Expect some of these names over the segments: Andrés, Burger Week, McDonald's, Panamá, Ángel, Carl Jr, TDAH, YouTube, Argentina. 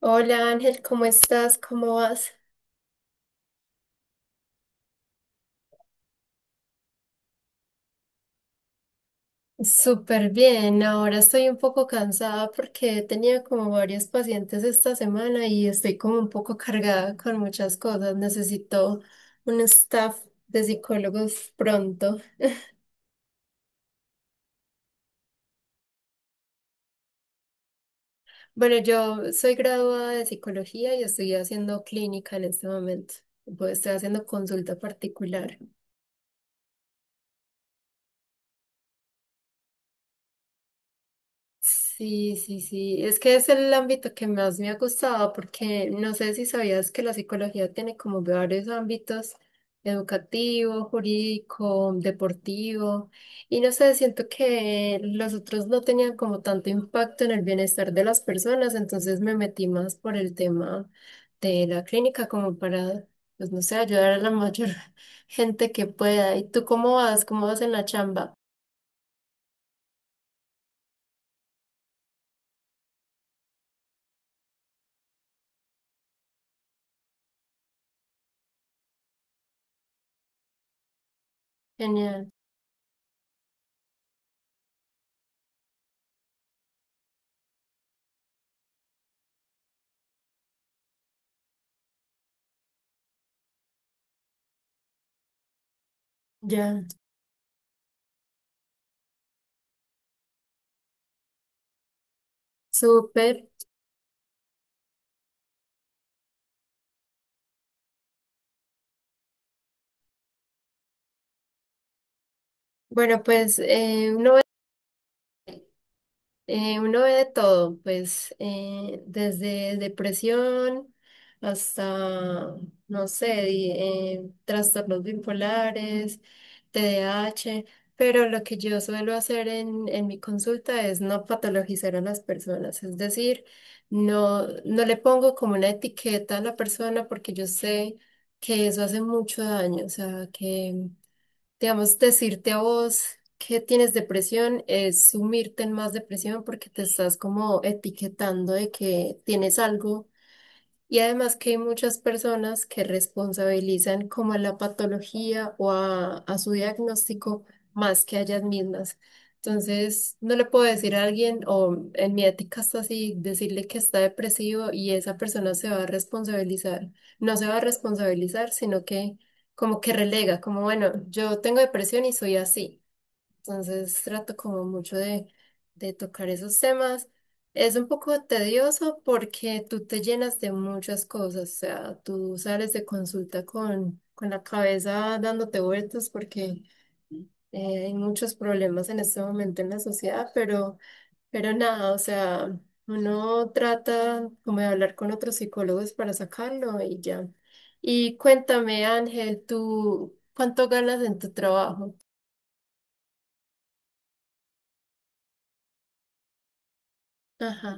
Hola Ángel, ¿cómo estás? ¿Cómo vas? Súper bien, ahora estoy un poco cansada porque he tenido como varios pacientes esta semana y estoy como un poco cargada con muchas cosas. Necesito un staff de psicólogos pronto. Bueno, yo soy graduada de psicología y estoy haciendo clínica en este momento. Pues estoy haciendo consulta particular. Sí, sí, sí. Es que es el ámbito que más me ha gustado porque no sé si sabías que la psicología tiene como varios ámbitos, educativo, jurídico, deportivo, y no sé, siento que los otros no tenían como tanto impacto en el bienestar de las personas, entonces me metí más por el tema de la clínica como para, pues no sé, ayudar a la mayor gente que pueda. ¿Y tú cómo vas? ¿Cómo vas en la chamba? Genial. Ya. Súper. Bueno, pues uno uno ve de todo, pues desde depresión hasta, no sé, trastornos bipolares, TDAH. Pero lo que yo suelo hacer en mi consulta es no patologizar a las personas, es decir, no, no le pongo como una etiqueta a la persona porque yo sé que eso hace mucho daño, o sea, que... Digamos, decirte a vos que tienes depresión es sumirte en más depresión porque te estás como etiquetando de que tienes algo. Y además que hay muchas personas que responsabilizan como a la patología o a su diagnóstico más que a ellas mismas. Entonces, no le puedo decir a alguien, o en mi ética está así, decirle que está depresivo y esa persona se va a responsabilizar. No se va a responsabilizar, sino que como que relega, como bueno, yo tengo depresión y soy así. Entonces trato como mucho de tocar esos temas. Es un poco tedioso porque tú te llenas de muchas cosas, o sea, tú sales de consulta con la cabeza dándote vueltas porque hay muchos problemas en este momento en la sociedad, pero nada, o sea, uno trata como de hablar con otros psicólogos para sacarlo y ya. Y cuéntame, Ángel, ¿tú cuánto ganas en tu trabajo? Ajá,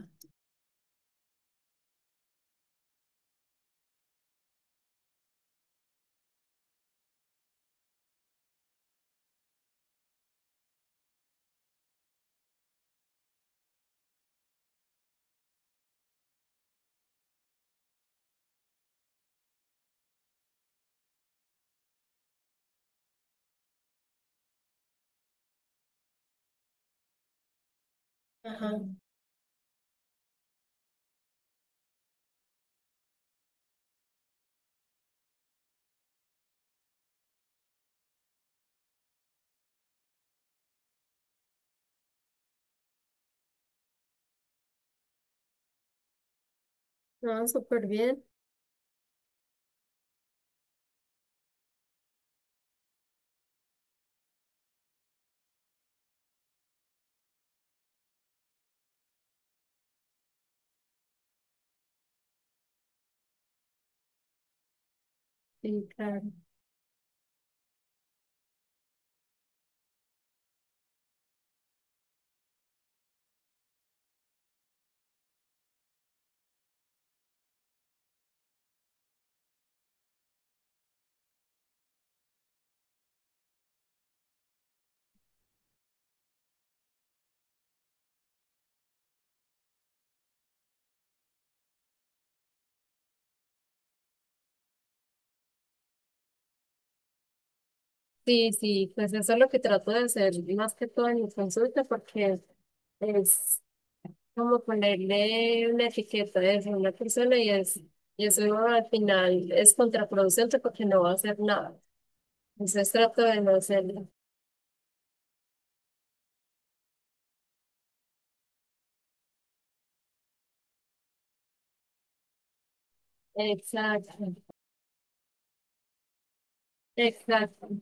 ajá. No, súper bien. Sí, claro. Sí, sí, pues eso es lo que trato de hacer más que todo en mi consulta porque es como ponerle una etiqueta de eso a una persona y es, y eso al final es contraproducente porque no va a hacer nada. Entonces trato de no hacerlo. Exacto, exacto.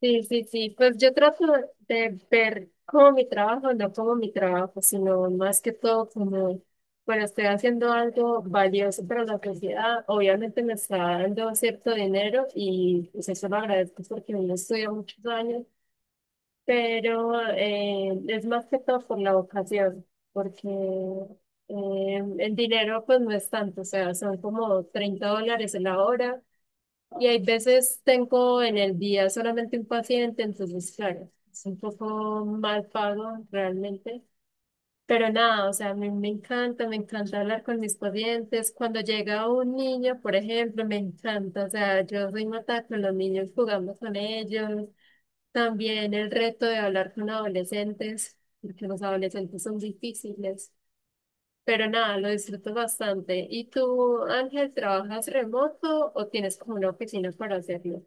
Sí, sí, sí. Pues yo trato de ver como mi trabajo, no como mi trabajo, sino más que todo como, bueno, estoy haciendo algo valioso para la sociedad. Obviamente me está dando cierto dinero y pues eso lo agradezco porque no estudiado muchos años, pero es más que todo por la vocación, porque el dinero pues no es tanto, o sea, son como 30 dólares la hora y hay veces tengo en el día solamente un paciente, entonces, claro, es un poco mal pago realmente. Pero nada, o sea, a mí me encanta hablar con mis pacientes. Cuando llega un niño, por ejemplo, me encanta, o sea, yo soy mata con los niños, jugando con ellos. También el reto de hablar con adolescentes, porque los adolescentes son difíciles. Pero nada, lo disfruto bastante. ¿Y tú, Ángel, trabajas remoto o tienes como una oficina para hacerlo?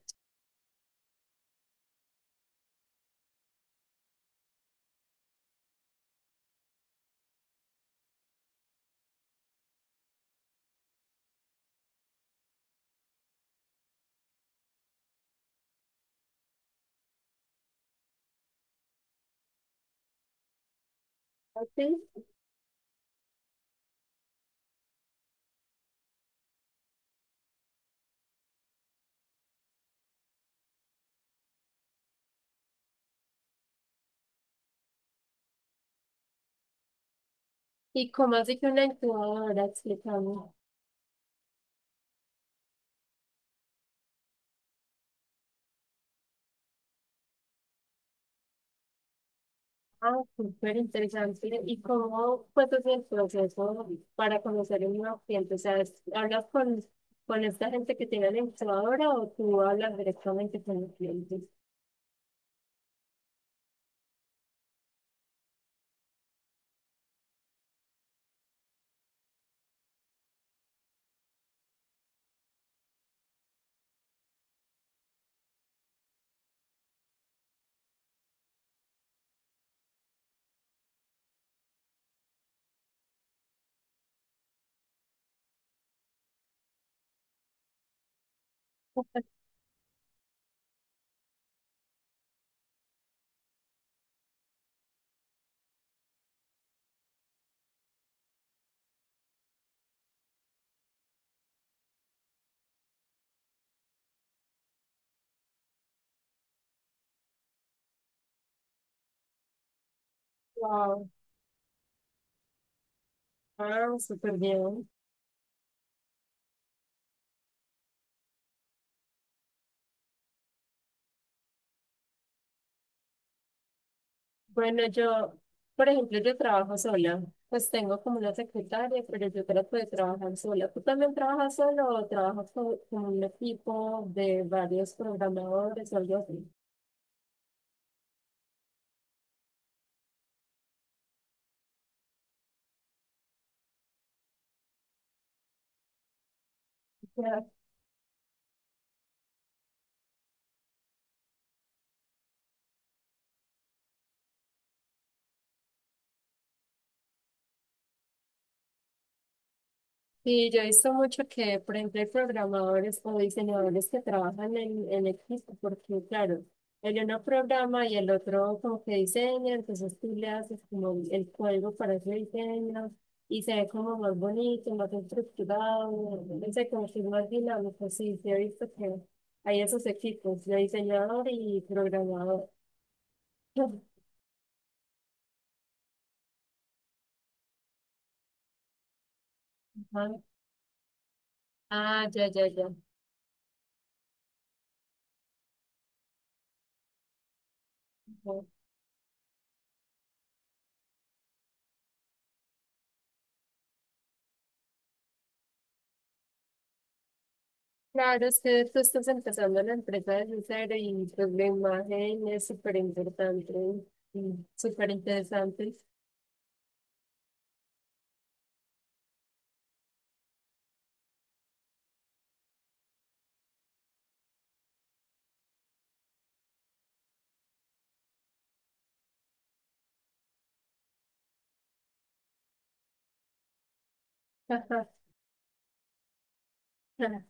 Ok. ¿Y cómo así que una incubadora? Explícame. Ah, súper interesante. ¿Y cómo fue todo el proceso para conocer un nuevo cliente? O sea, es- ¿hablas con esta gente que tiene la incubadora o tú hablas directamente con los clientes? Wow. Ah, súper bien. Bueno, yo, por ejemplo, yo trabajo sola. Pues tengo como una secretaria, pero yo trato de trabajar sola. ¿Tú también trabajas solo o trabajas con un equipo de varios programadores o algo así? Sí, yo he visto mucho que, por ejemplo, hay programadores o diseñadores que trabajan en equipo, porque claro, el uno programa y el otro como que diseña, entonces tú le haces como el código para ese diseño y se ve como más bonito, más estructurado, no sé, como que es más dinámico, sí, sí he visto que hay esos equipos de diseñador y programador. Ajá. Ah, ya, ya, ya. Ajá. Claro, es que tú estás empezando la empresa desde cero y pues la imagen es súper importante y súper interesante. Ajá, ajá,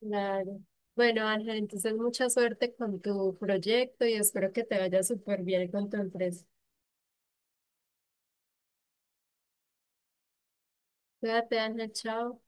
claro. Bueno, Ángel, entonces mucha suerte con tu proyecto y espero que te vaya súper bien con tu empresa. Cuídate, Ángel, chao.